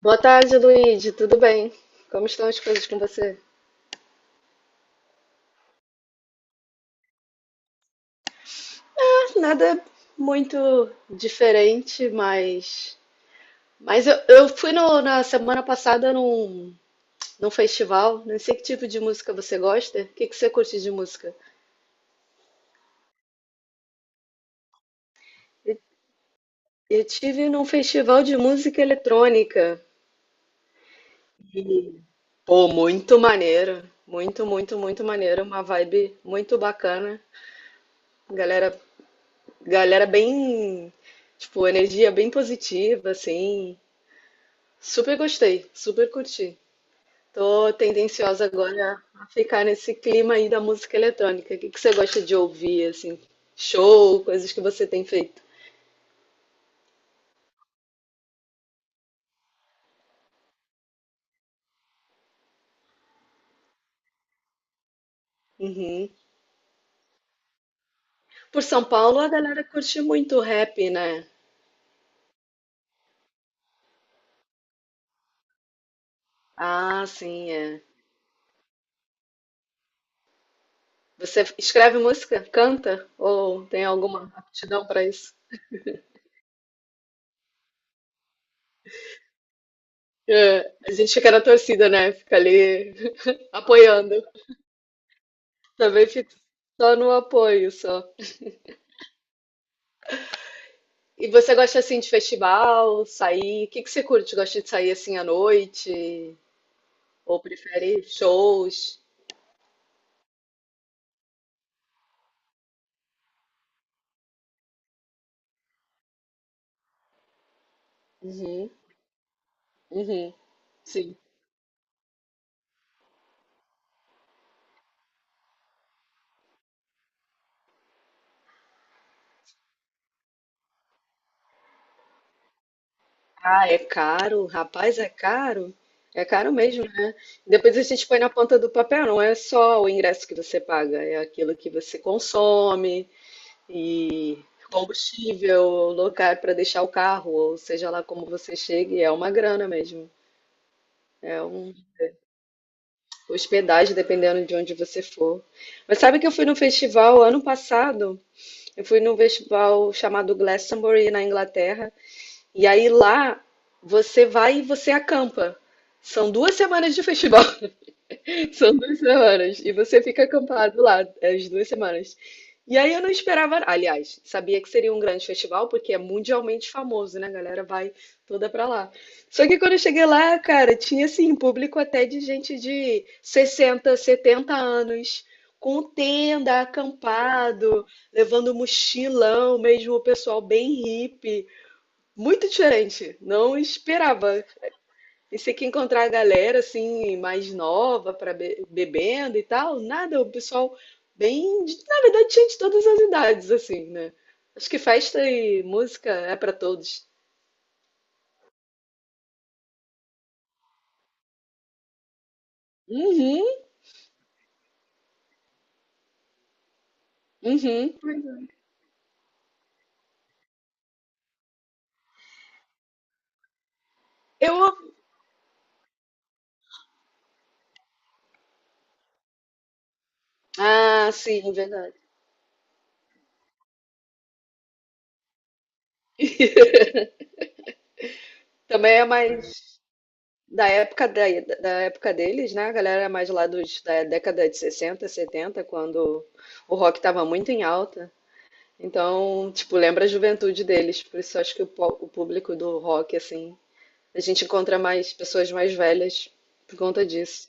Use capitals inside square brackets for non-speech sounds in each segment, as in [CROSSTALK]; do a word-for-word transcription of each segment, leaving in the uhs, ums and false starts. Boa tarde, Luíde. Tudo bem? Como estão as coisas com você? Nada muito diferente, mas. Mas eu, eu fui no- na semana passada num, num festival. Não sei que tipo de música você gosta. O que, que você curte de música? Eu tive num festival de música eletrônica. Pô, muito maneiro. Muito, muito, muito maneiro. Uma vibe muito bacana. Galera, galera bem. Tipo, energia bem positiva, assim. Super gostei, super curti. Tô tendenciosa agora a ficar nesse clima aí da música eletrônica. O que que você gosta de ouvir, assim? Show, coisas que você tem feito. Uhum. Por São Paulo, a galera curte muito rap, né? Ah, sim, é. Você escreve música? Canta? Ou tem alguma aptidão para isso? É, a gente fica na torcida, né? Fica ali [LAUGHS] apoiando. Também fico só no apoio, só. E você gosta assim de festival, sair? O que que você curte? Gosta de sair assim à noite? Ou prefere shows? Uhum, uhum, sim. Ah, é caro, rapaz, é caro. É caro mesmo, né? Depois a gente põe na ponta do papel, não é só o ingresso que você paga, é aquilo que você consome e combustível, lugar para deixar o carro, ou seja lá como você chegue, é uma grana mesmo. É um hospedagem, dependendo de onde você for. Mas sabe que eu fui num festival ano passado? Eu fui num festival chamado Glastonbury na Inglaterra. E aí lá você vai e você acampa. São duas semanas de festival. São duas semanas. E você fica acampado lá é, as duas semanas. E aí eu não esperava. Aliás, sabia que seria um grande festival, porque é mundialmente famoso, né? A galera vai toda pra lá. Só que quando eu cheguei lá, cara, tinha assim, público até de gente de sessenta, setenta anos, com tenda, acampado, levando mochilão, mesmo o pessoal bem hippie. Muito diferente. Não esperava. E se que encontrar a galera assim mais nova para bebendo e tal, nada, o pessoal bem, de- na verdade tinha de todas as idades assim, né? Acho que festa e música é para todos. Uhum, uhum. Eu, ah, sim, verdade. Também é mais da época da, da época deles, né? A galera é mais lá dos, da década de sessenta setenta quando o rock estava muito em alta. Então, tipo, lembra a juventude deles. Por isso acho que o, po- o público do rock, assim, a gente encontra mais pessoas mais velhas por conta disso.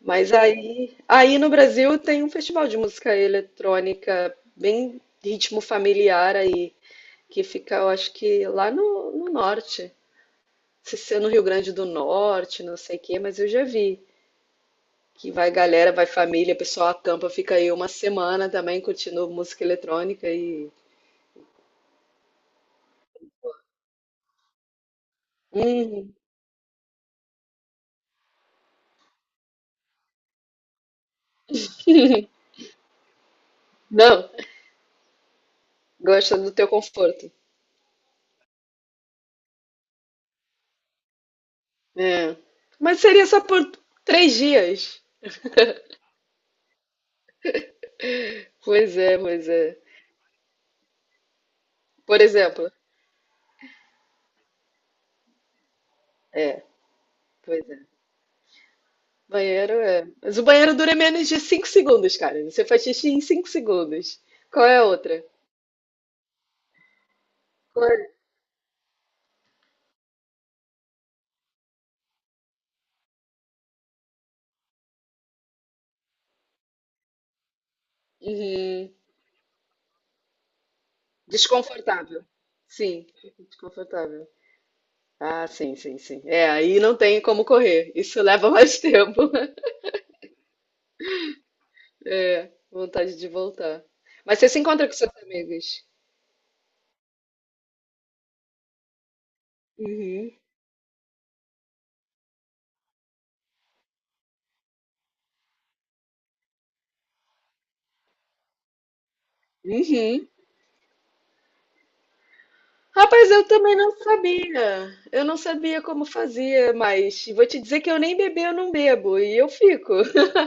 Mas aí, aí no Brasil tem um festival de música eletrônica bem ritmo familiar aí, que fica, eu acho que lá no, no norte. Se ser no Rio Grande do Norte, não sei o quê, mas eu já vi que vai galera, vai família, o pessoal acampa, fica aí uma semana também curtindo música eletrônica e. Hum, não, gosta do teu conforto. É. Mas seria só por três dias. Pois é, pois é. Por exemplo, é, pois é. Banheiro é. Mas o banheiro dura menos de cinco segundos, cara. Você faz xixi em cinco segundos. Qual é a outra? Qual é? Uhum. Desconfortável. Sim, desconfortável. Ah, sim, sim, sim. É, aí não tem como correr. Isso leva mais [LAUGHS] tempo. É, vontade de voltar. Mas você se encontra com seus amigos. Uhum. Uhum. Rapaz, eu também não sabia. Eu não sabia como fazia, mas vou te dizer que eu nem beber, eu não bebo. E eu fico. [LAUGHS]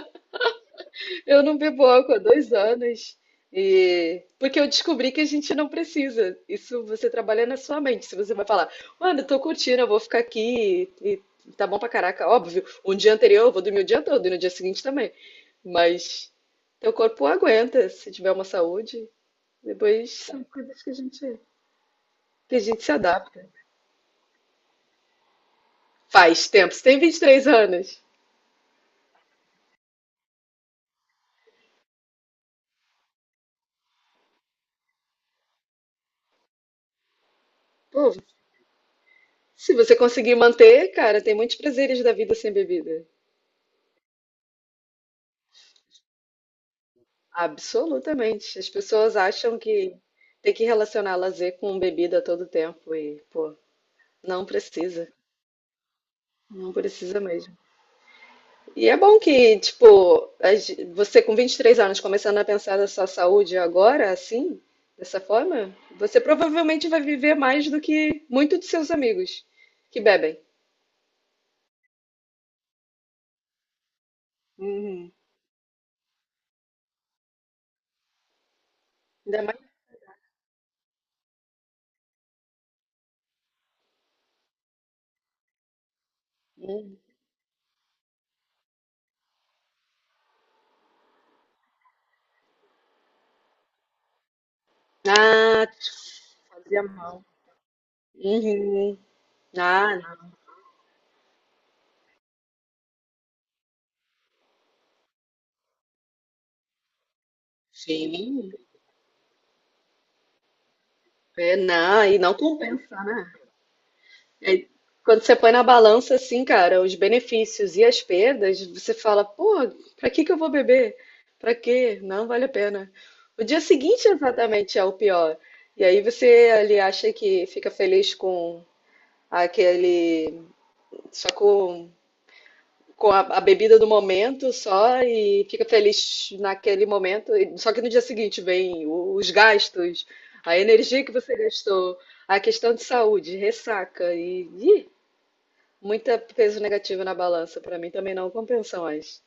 Eu não bebo álcool há dois anos. E... Porque eu descobri que a gente não precisa. Isso você trabalha na sua mente. Se você vai falar, mano, eu tô curtindo, eu vou ficar aqui e tá bom pra caraca. Óbvio, um dia anterior eu vou dormir o dia todo e no dia seguinte também. Mas teu corpo aguenta se tiver uma saúde. Depois são coisas que a gente, que a gente se adapta. Faz tempo, você tem vinte e três anos. Pô, se você conseguir manter, cara, tem muitos prazeres da vida sem bebida. Absolutamente. As pessoas acham que tem que relacionar lazer com bebida a todo tempo e, pô, não precisa. Não precisa mesmo. E é bom que, tipo, a ge- você com vinte e três anos começando a pensar na sua saúde agora, assim, dessa forma, você provavelmente vai viver mais do que muitos de seus amigos que bebem. Uhum. Ainda mais, ah, fazia mal. Uhum. Ah, não. Sim. É, não, e não compensa, né? É, quando você põe na balança, assim, cara, os benefícios e as perdas, você fala, pô, pra que que eu vou beber? Pra quê? Não vale a pena. O dia seguinte, exatamente, é o pior. E aí você ali acha que fica feliz com aquele, só com com a, a bebida do momento só e fica feliz naquele momento. E- Só que no dia seguinte vem o- os gastos, a energia que você gastou, a questão de saúde, ressaca e ih, muita peso negativo na balança. Para mim também não compensa mais.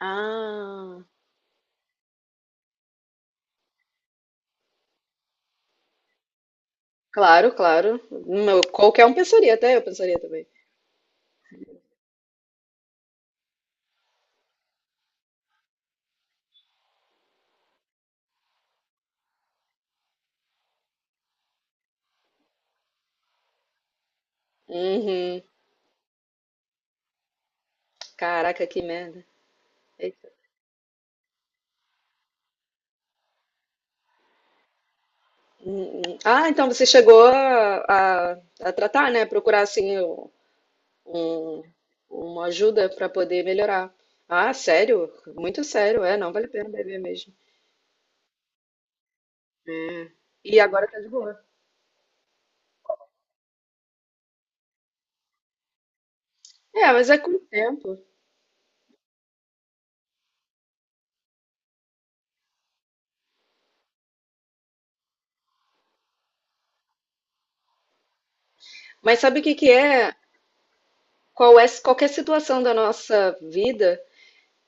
Ah, claro, claro. Não, qualquer um pensaria, até eu pensaria também. Uhum. Caraca, que merda. Eita. Uhum. Ah, então você chegou a, a- a tratar, né? Procurar assim o- um- uma ajuda para poder melhorar. Ah, sério? Muito sério, é, não vale a pena beber mesmo. E agora tá de boa. É, mas é com o tempo. Mas sabe o que que é? Qual é qualquer situação da nossa vida,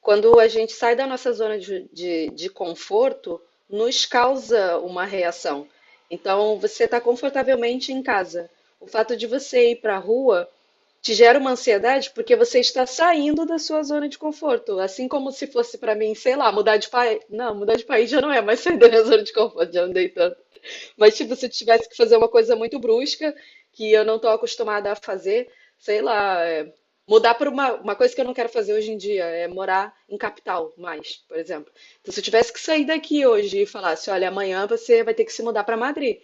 quando a gente sai da nossa zona de, de, de conforto, nos causa uma reação. Então, você está confortavelmente em casa. O fato de você ir para a rua te gera uma ansiedade porque você está saindo da sua zona de conforto. Assim como se fosse para mim, sei lá, mudar de país. Não, mudar de país já não é mais sair da minha zona de conforto, já andei tanto. Mas tipo, se eu tivesse que fazer uma coisa muito brusca, que eu não estou acostumada a fazer, sei lá, é, mudar para uma, uma coisa que eu não quero fazer hoje em dia, é morar em capital mais, por exemplo. Então, se eu tivesse que sair daqui hoje e falasse, olha, amanhã você vai ter que se mudar para Madrid.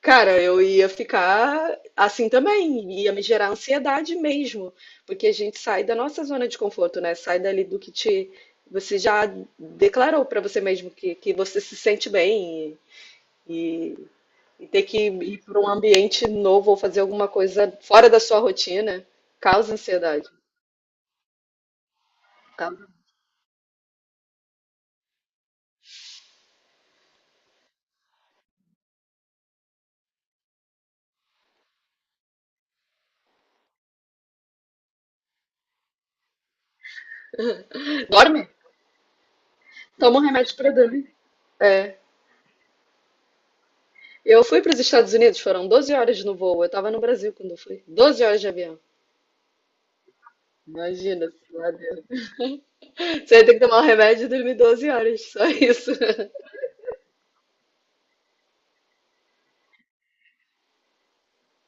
Cara, eu ia ficar assim também, ia me gerar ansiedade mesmo, porque a gente sai da nossa zona de conforto, né? Sai dali do que te, você já declarou para você mesmo que, que você se sente bem e, e ter que ir para um ambiente novo ou fazer alguma coisa fora da sua rotina causa ansiedade. Causa- Dorme? Toma um remédio para dormir. É. Eu fui para os Estados Unidos, foram doze horas no voo. Eu estava no Brasil quando eu fui. Doze horas de avião. Imagina, você vai ter que tomar o remédio e dormir doze horas, só isso. [LAUGHS]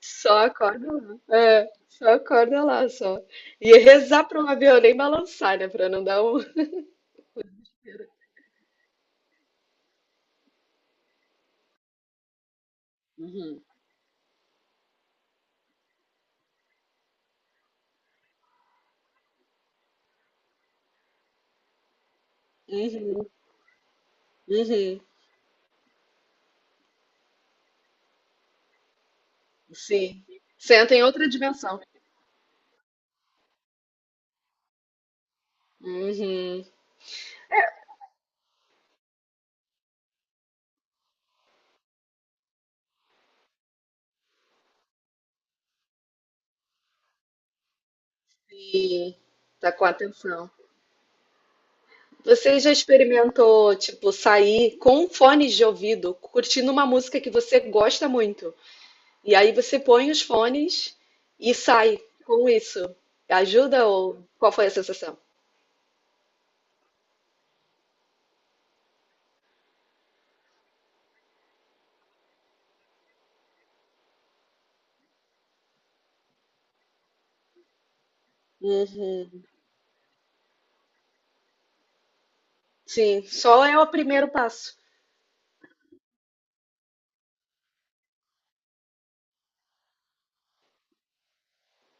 Só acorda lá. É, só acorda lá, só. E rezar para um avião nem balançar, né? Para não dar um. Uhum, uhum, uhum. Sim. Você em outra dimensão. Uhum. E tá com atenção. Você já experimentou, tipo, sair com fones de ouvido, curtindo uma música que você gosta muito? E aí você põe os fones e sai com isso. Ajuda ou qual foi a sensação? Uhum. Sim, só é o primeiro passo.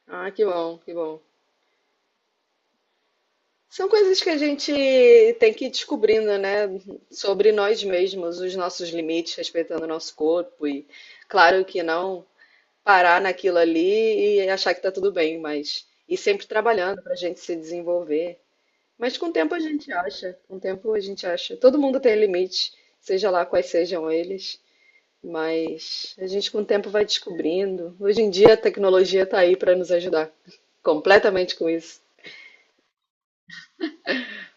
Ah, que bom, que bom. São coisas que a gente tem que ir descobrindo, né? Sobre nós mesmos, os nossos limites, respeitando o nosso corpo e, claro que não parar naquilo ali e achar que tá tudo bem, mas ir sempre trabalhando para a gente se desenvolver. Mas com o tempo a gente acha, com o tempo a gente acha. Todo mundo tem limite, seja lá quais sejam eles, mas a gente com o tempo vai descobrindo. Hoje em dia a tecnologia está aí para nos ajudar completamente com isso.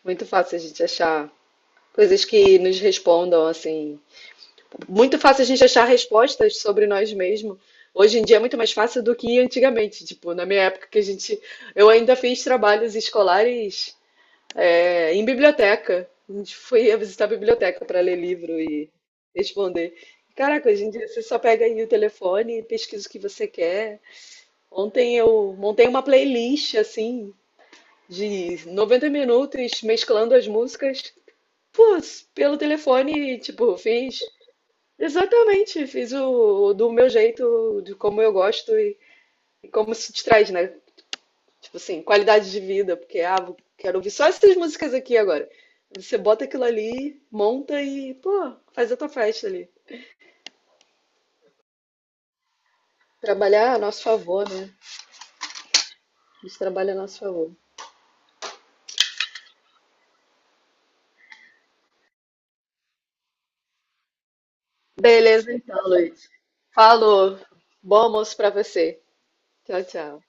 Muito fácil a gente achar coisas que nos respondam assim. Muito fácil a gente achar respostas sobre nós mesmos. Hoje em dia é muito mais fácil do que antigamente. Tipo, na minha época que a gente, eu ainda fiz trabalhos escolares é, em biblioteca. A gente foi visitar a biblioteca para ler livro e responder. Caraca, hoje em dia você só pega aí o telefone e pesquisa o que você quer. Ontem eu montei uma playlist assim de noventa minutos mesclando as músicas, pô, pelo telefone, e, tipo, fiz exatamente, fiz o, do meu jeito, de como eu gosto e, e como se te traz, né? Tipo assim, qualidade de vida, porque ah, vou- quero ouvir só essas músicas aqui agora. Você bota aquilo ali, monta e, pô, faz a tua festa ali. Trabalhar a nosso favor, né? A gente trabalha a nosso favor. Beleza, então, Luiz. Falou. Bom almoço pra você. Tchau, tchau.